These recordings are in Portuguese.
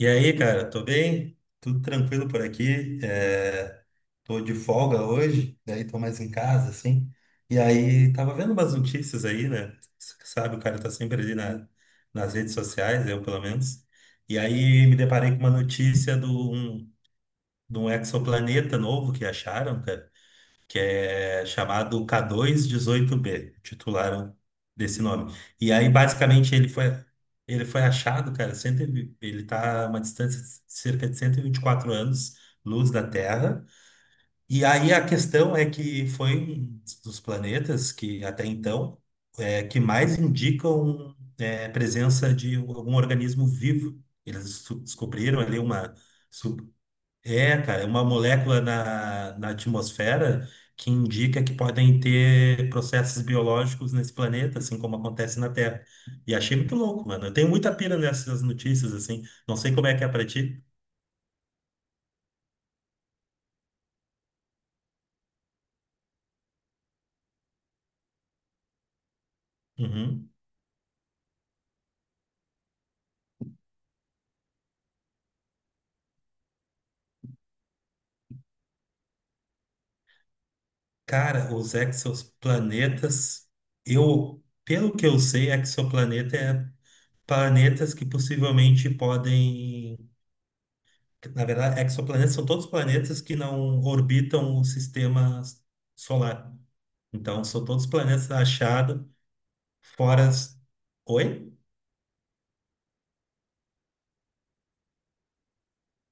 E aí, cara, tô bem? Tudo tranquilo por aqui. Tô de folga hoje, daí tô mais em casa, assim. E aí, tava vendo umas notícias aí, né? Sabe, o cara tá sempre ali nas redes sociais, eu pelo menos. E aí, me deparei com uma notícia de um exoplaneta novo que acharam, cara, que é chamado k dois dezoito b, titularam desse nome. E aí, basicamente, ele foi achado, cara, ele está a uma distância de cerca de 124 anos, luz da Terra. E aí a questão é que foi um dos planetas que, até então, que mais indicam presença de algum organismo vivo. Descobriram ali uma, é uma molécula na atmosfera que indica que podem ter processos biológicos nesse planeta, assim como acontece na Terra. E achei muito louco, mano. Eu tenho muita pira nessas notícias, assim. Não sei como é que é pra ti. Uhum. Cara, os exoplanetas, eu, pelo que eu sei, exoplaneta é planetas que possivelmente podem. Na verdade, exoplanetas são todos planetas que não orbitam o sistema solar. Então, são todos planetas achados fora. Oi?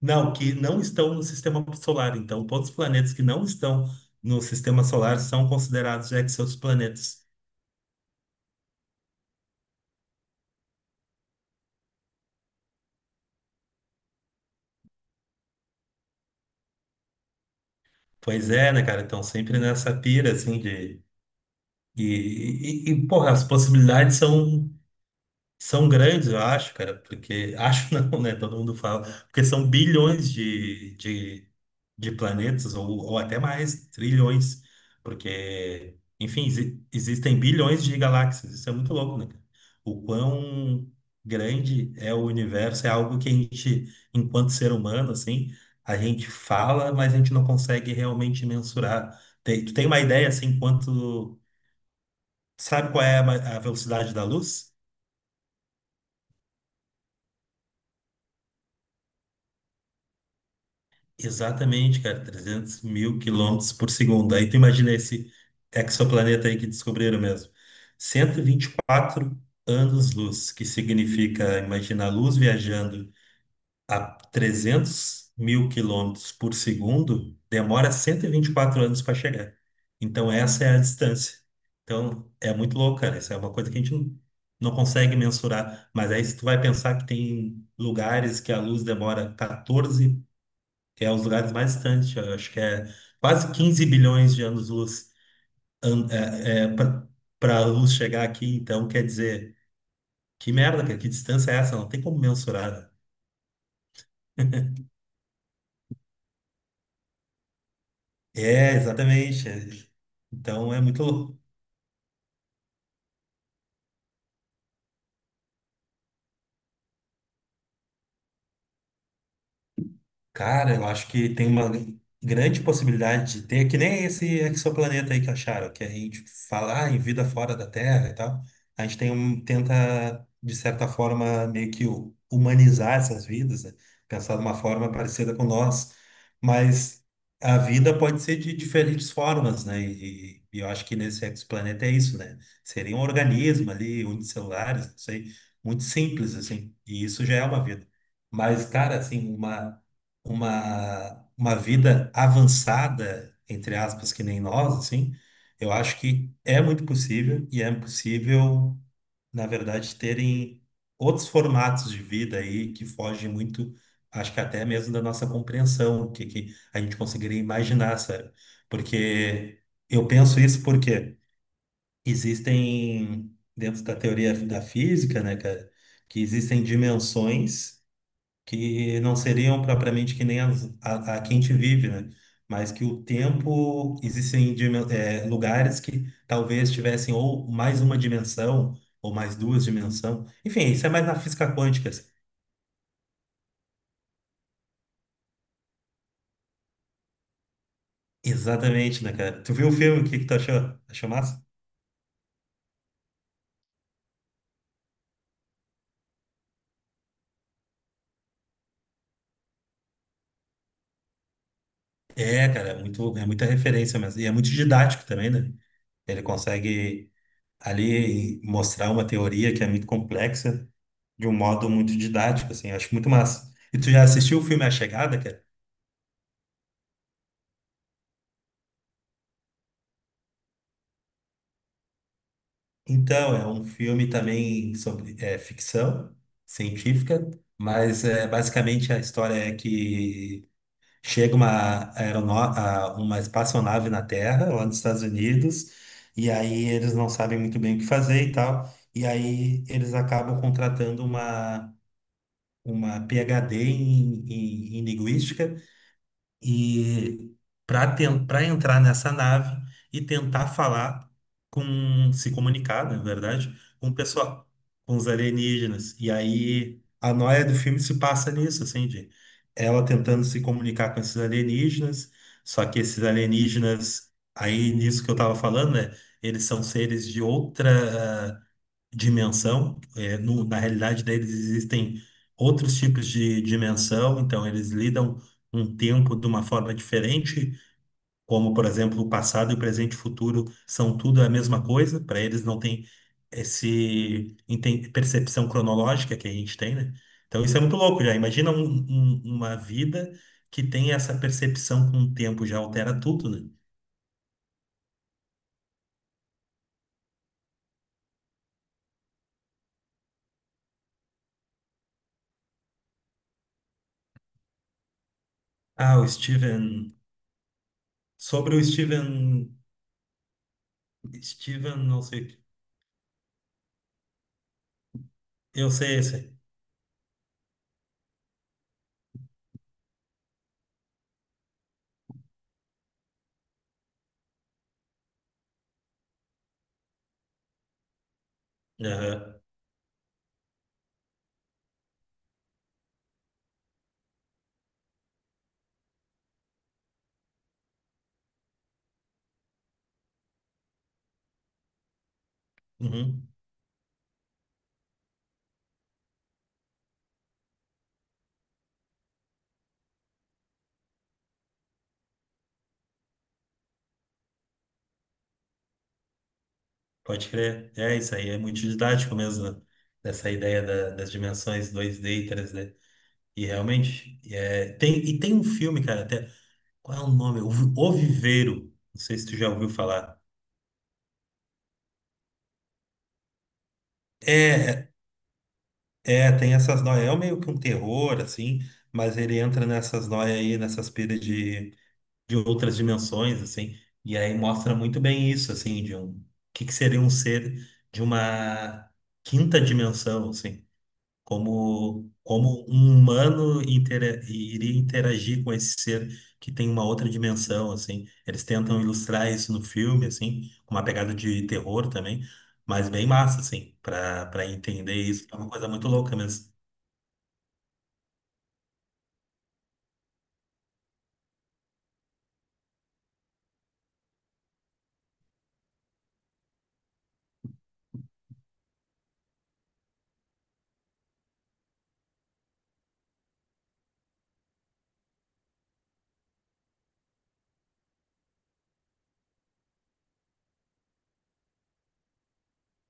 Não, que não estão no sistema solar. Então, todos os planetas que não estão no sistema solar são considerados exoplanetas. Pois é, né, cara? Então, sempre nessa pira, assim, de. E, Porra, as possibilidades são grandes, eu acho, cara, porque. Acho não, né? Todo mundo fala. Porque são bilhões de planetas, ou até mais, trilhões. Porque, enfim, existem bilhões de galáxias. Isso é muito louco, né, cara? O quão grande é o universo é algo que a gente, enquanto ser humano, assim, a gente fala, mas a gente não consegue realmente mensurar. Tem, tu tem uma ideia, assim, quanto. Sabe qual é a velocidade da luz? Exatamente, cara, 300 mil quilômetros por segundo. Aí tu imagina esse exoplaneta aí que descobriram mesmo. Cento e vinte e quatro anos-luz, que significa, imagina a luz viajando a 300 mil quilômetros por segundo, demora cento e vinte e quatro anos para chegar. Então, essa é a distância. Então, é muito louco, cara. Isso é uma coisa que a gente não consegue mensurar. Mas aí, se tu vai pensar que tem lugares que a luz demora 14, que é os lugares mais distantes, eu acho que é quase 15 bilhões de anos-luz para a luz chegar aqui, então quer dizer, que merda, cara, que distância é essa? Não tem como mensurar, né? É, exatamente. Então é muito. Cara, eu acho que tem uma grande possibilidade de ter, que nem esse exoplaneta aí que acharam, que a gente fala ah, em vida fora da Terra e tal. A gente tem um, tenta, de certa forma, meio que humanizar essas vidas, né? Pensar de uma forma parecida com nós. Mas a vida pode ser de diferentes formas, né? E eu acho que nesse exoplaneta é isso, né? Seria um organismo ali, unicelulares, não sei, muito simples, assim. E isso já é uma vida. Mas, cara, assim, uma vida avançada, entre aspas, que nem nós, assim, eu acho que é muito possível e é possível, na verdade, terem outros formatos de vida aí que fogem muito, acho que até mesmo da nossa compreensão, o que, que a gente conseguiria imaginar, sabe? Porque eu penso isso porque existem, dentro da teoria da física, né, cara, que existem dimensões que não seriam propriamente que nem a que a gente vive, né? Mas que o tempo existem lugares que talvez tivessem ou mais uma dimensão ou mais duas dimensões. Enfim, isso é mais na física quântica, assim. Exatamente, né, cara? Tu viu o filme? O que que tu achou? Achou massa? É, cara, é muito, é muita referência mesmo. E é muito didático também, né? Ele consegue ali mostrar uma teoria que é muito complexa de um modo muito didático, assim, eu acho muito massa. E tu já assistiu o filme A Chegada, cara? Então, é um filme também sobre ficção científica, mas é, basicamente a história é que chega uma, uma espaçonave na Terra, lá nos Estados Unidos, e aí eles não sabem muito bem o que fazer e tal, e aí eles acabam contratando uma PhD em linguística e para entrar nessa nave e tentar falar com se comunicar, né, na verdade, com o pessoal, com os alienígenas. E aí a noia do filme se passa nisso, assim, de ela tentando se comunicar com esses alienígenas, só que esses alienígenas, aí nisso que eu tava falando, né? Eles são seres de outra dimensão. É, na realidade deles existem outros tipos de dimensão, então eles lidam um tempo de uma forma diferente, como, por exemplo, o passado, o presente e o futuro são tudo a mesma coisa, para eles não tem percepção cronológica que a gente tem, né? Então isso é muito louco já. Imagina uma vida que tem essa percepção com o tempo, já altera tudo, né? Ah, o Steven. Sobre o Steven. Steven, não sei. Eu sei esse. Aham, uhum. Pode crer. É, isso aí é muito didático mesmo, né? Dessa ideia das dimensões 2D e 3D. E realmente, é, tem, e tem um filme, cara, até. Qual é o nome? O, o Viveiro. Não sei se tu já ouviu falar. É, Tem essas noias. É meio que um terror, assim, mas ele entra nessas noias aí, nessas pilhas de outras dimensões, assim. E aí mostra muito bem isso, assim, de um. O que que seria um ser de uma quinta dimensão, assim. Como um humano iria interagir com esse ser que tem uma outra dimensão, assim. Eles tentam ilustrar isso no filme, assim, com uma pegada de terror também, mas bem massa, assim, para entender isso. É uma coisa muito louca mesmo.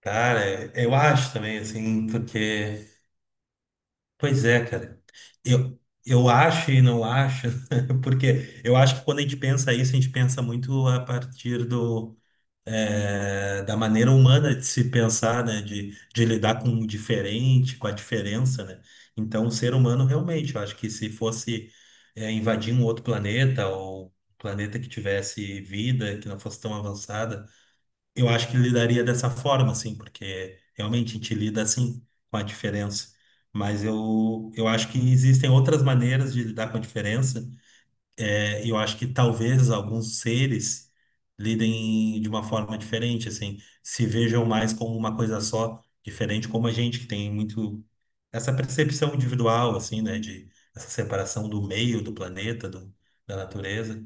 Cara, eu acho também, assim, porque. Pois é, cara. Eu, eu acho e não acho, porque eu acho que quando a gente pensa isso, a gente pensa muito a partir do da maneira humana de se pensar, né? De lidar com o diferente, com a diferença, né? Então, o ser humano realmente, eu acho que se fosse invadir um outro planeta ou um planeta que tivesse vida, que não fosse tão avançada, eu acho que lidaria dessa forma, assim, porque realmente a gente lida assim com a diferença. Mas eu acho que existem outras maneiras de lidar com a diferença. Eu acho que talvez alguns seres lidem de uma forma diferente, assim, se vejam mais como uma coisa só, diferente como a gente, que tem muito essa percepção individual, assim, né, de essa separação do meio, do planeta, do, da natureza.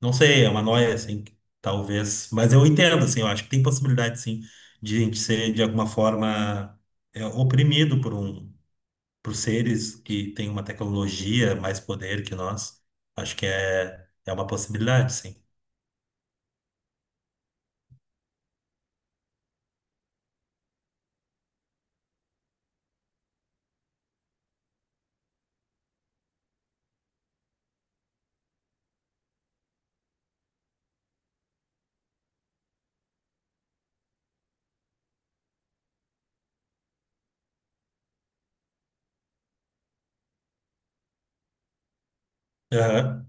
Não sei, é uma noia, assim, que talvez, mas eu entendo, assim, eu acho que tem possibilidade, sim, de a gente ser, de alguma forma, oprimido por um para os seres que têm uma tecnologia, mais poder que nós, acho que é uma possibilidade, sim. Aham.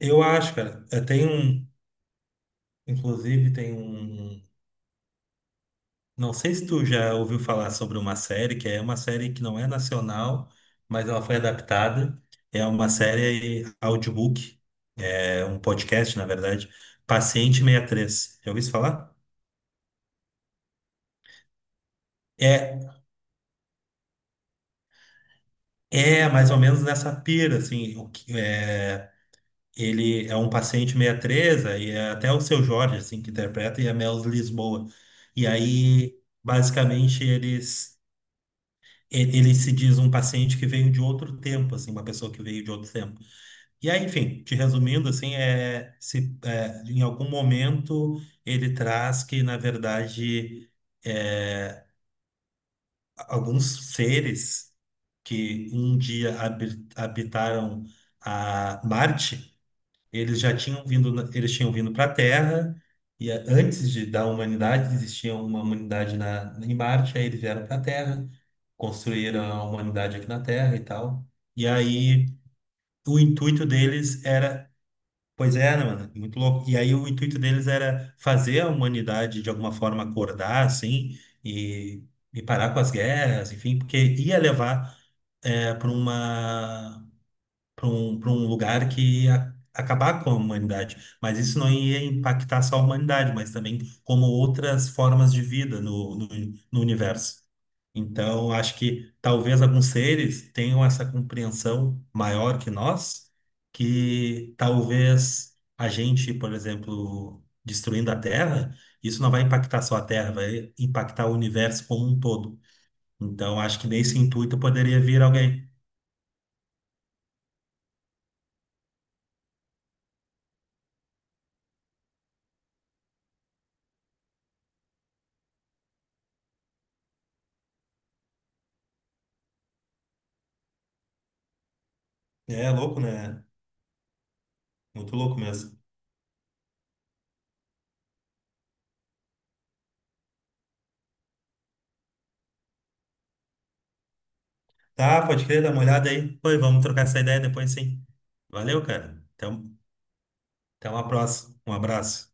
Eu acho, cara. Tem um, inclusive, tem um. Não sei se tu já ouviu falar sobre uma série, que é uma série que não é nacional, mas ela foi adaptada. É uma série audiobook, é um podcast, na verdade. Paciente 63. Já ouviu isso falar? É, É mais ou menos nessa pira, assim, o que, ele é um paciente meia treza, e é até o seu Jorge, assim, que interpreta, e a Mel Lisboa. E aí, basicamente, eles. Ele se diz um paciente que veio de outro tempo, assim, uma pessoa que veio de outro tempo. E aí, enfim, te resumindo, assim, é, se, é, em algum momento ele traz que, na verdade, é, alguns seres que um dia habitaram a Marte, eles já tinham vindo, eles tinham vindo para a Terra e antes da humanidade existia uma humanidade na em Marte, aí eles vieram para a Terra, construíram a humanidade aqui na Terra e tal. E aí o intuito deles era, pois é, né, mano, muito louco. E aí o intuito deles era fazer a humanidade de alguma forma acordar assim e e parar com as guerras, enfim, porque ia levar para uma para um lugar que ia acabar com a humanidade. Mas isso não ia impactar só a humanidade, mas também como outras formas de vida no universo. Então, acho que talvez alguns seres tenham essa compreensão maior que nós, que talvez a gente, por exemplo, destruindo a Terra, isso não vai impactar só a Terra, vai impactar o universo como um todo. Então, acho que nesse intuito poderia vir alguém. É louco, né? Muito louco mesmo. Tá, pode crer, dá uma olhada aí. Pô, e vamos trocar essa ideia depois, sim. Valeu, cara. Então, até uma próxima. Um abraço.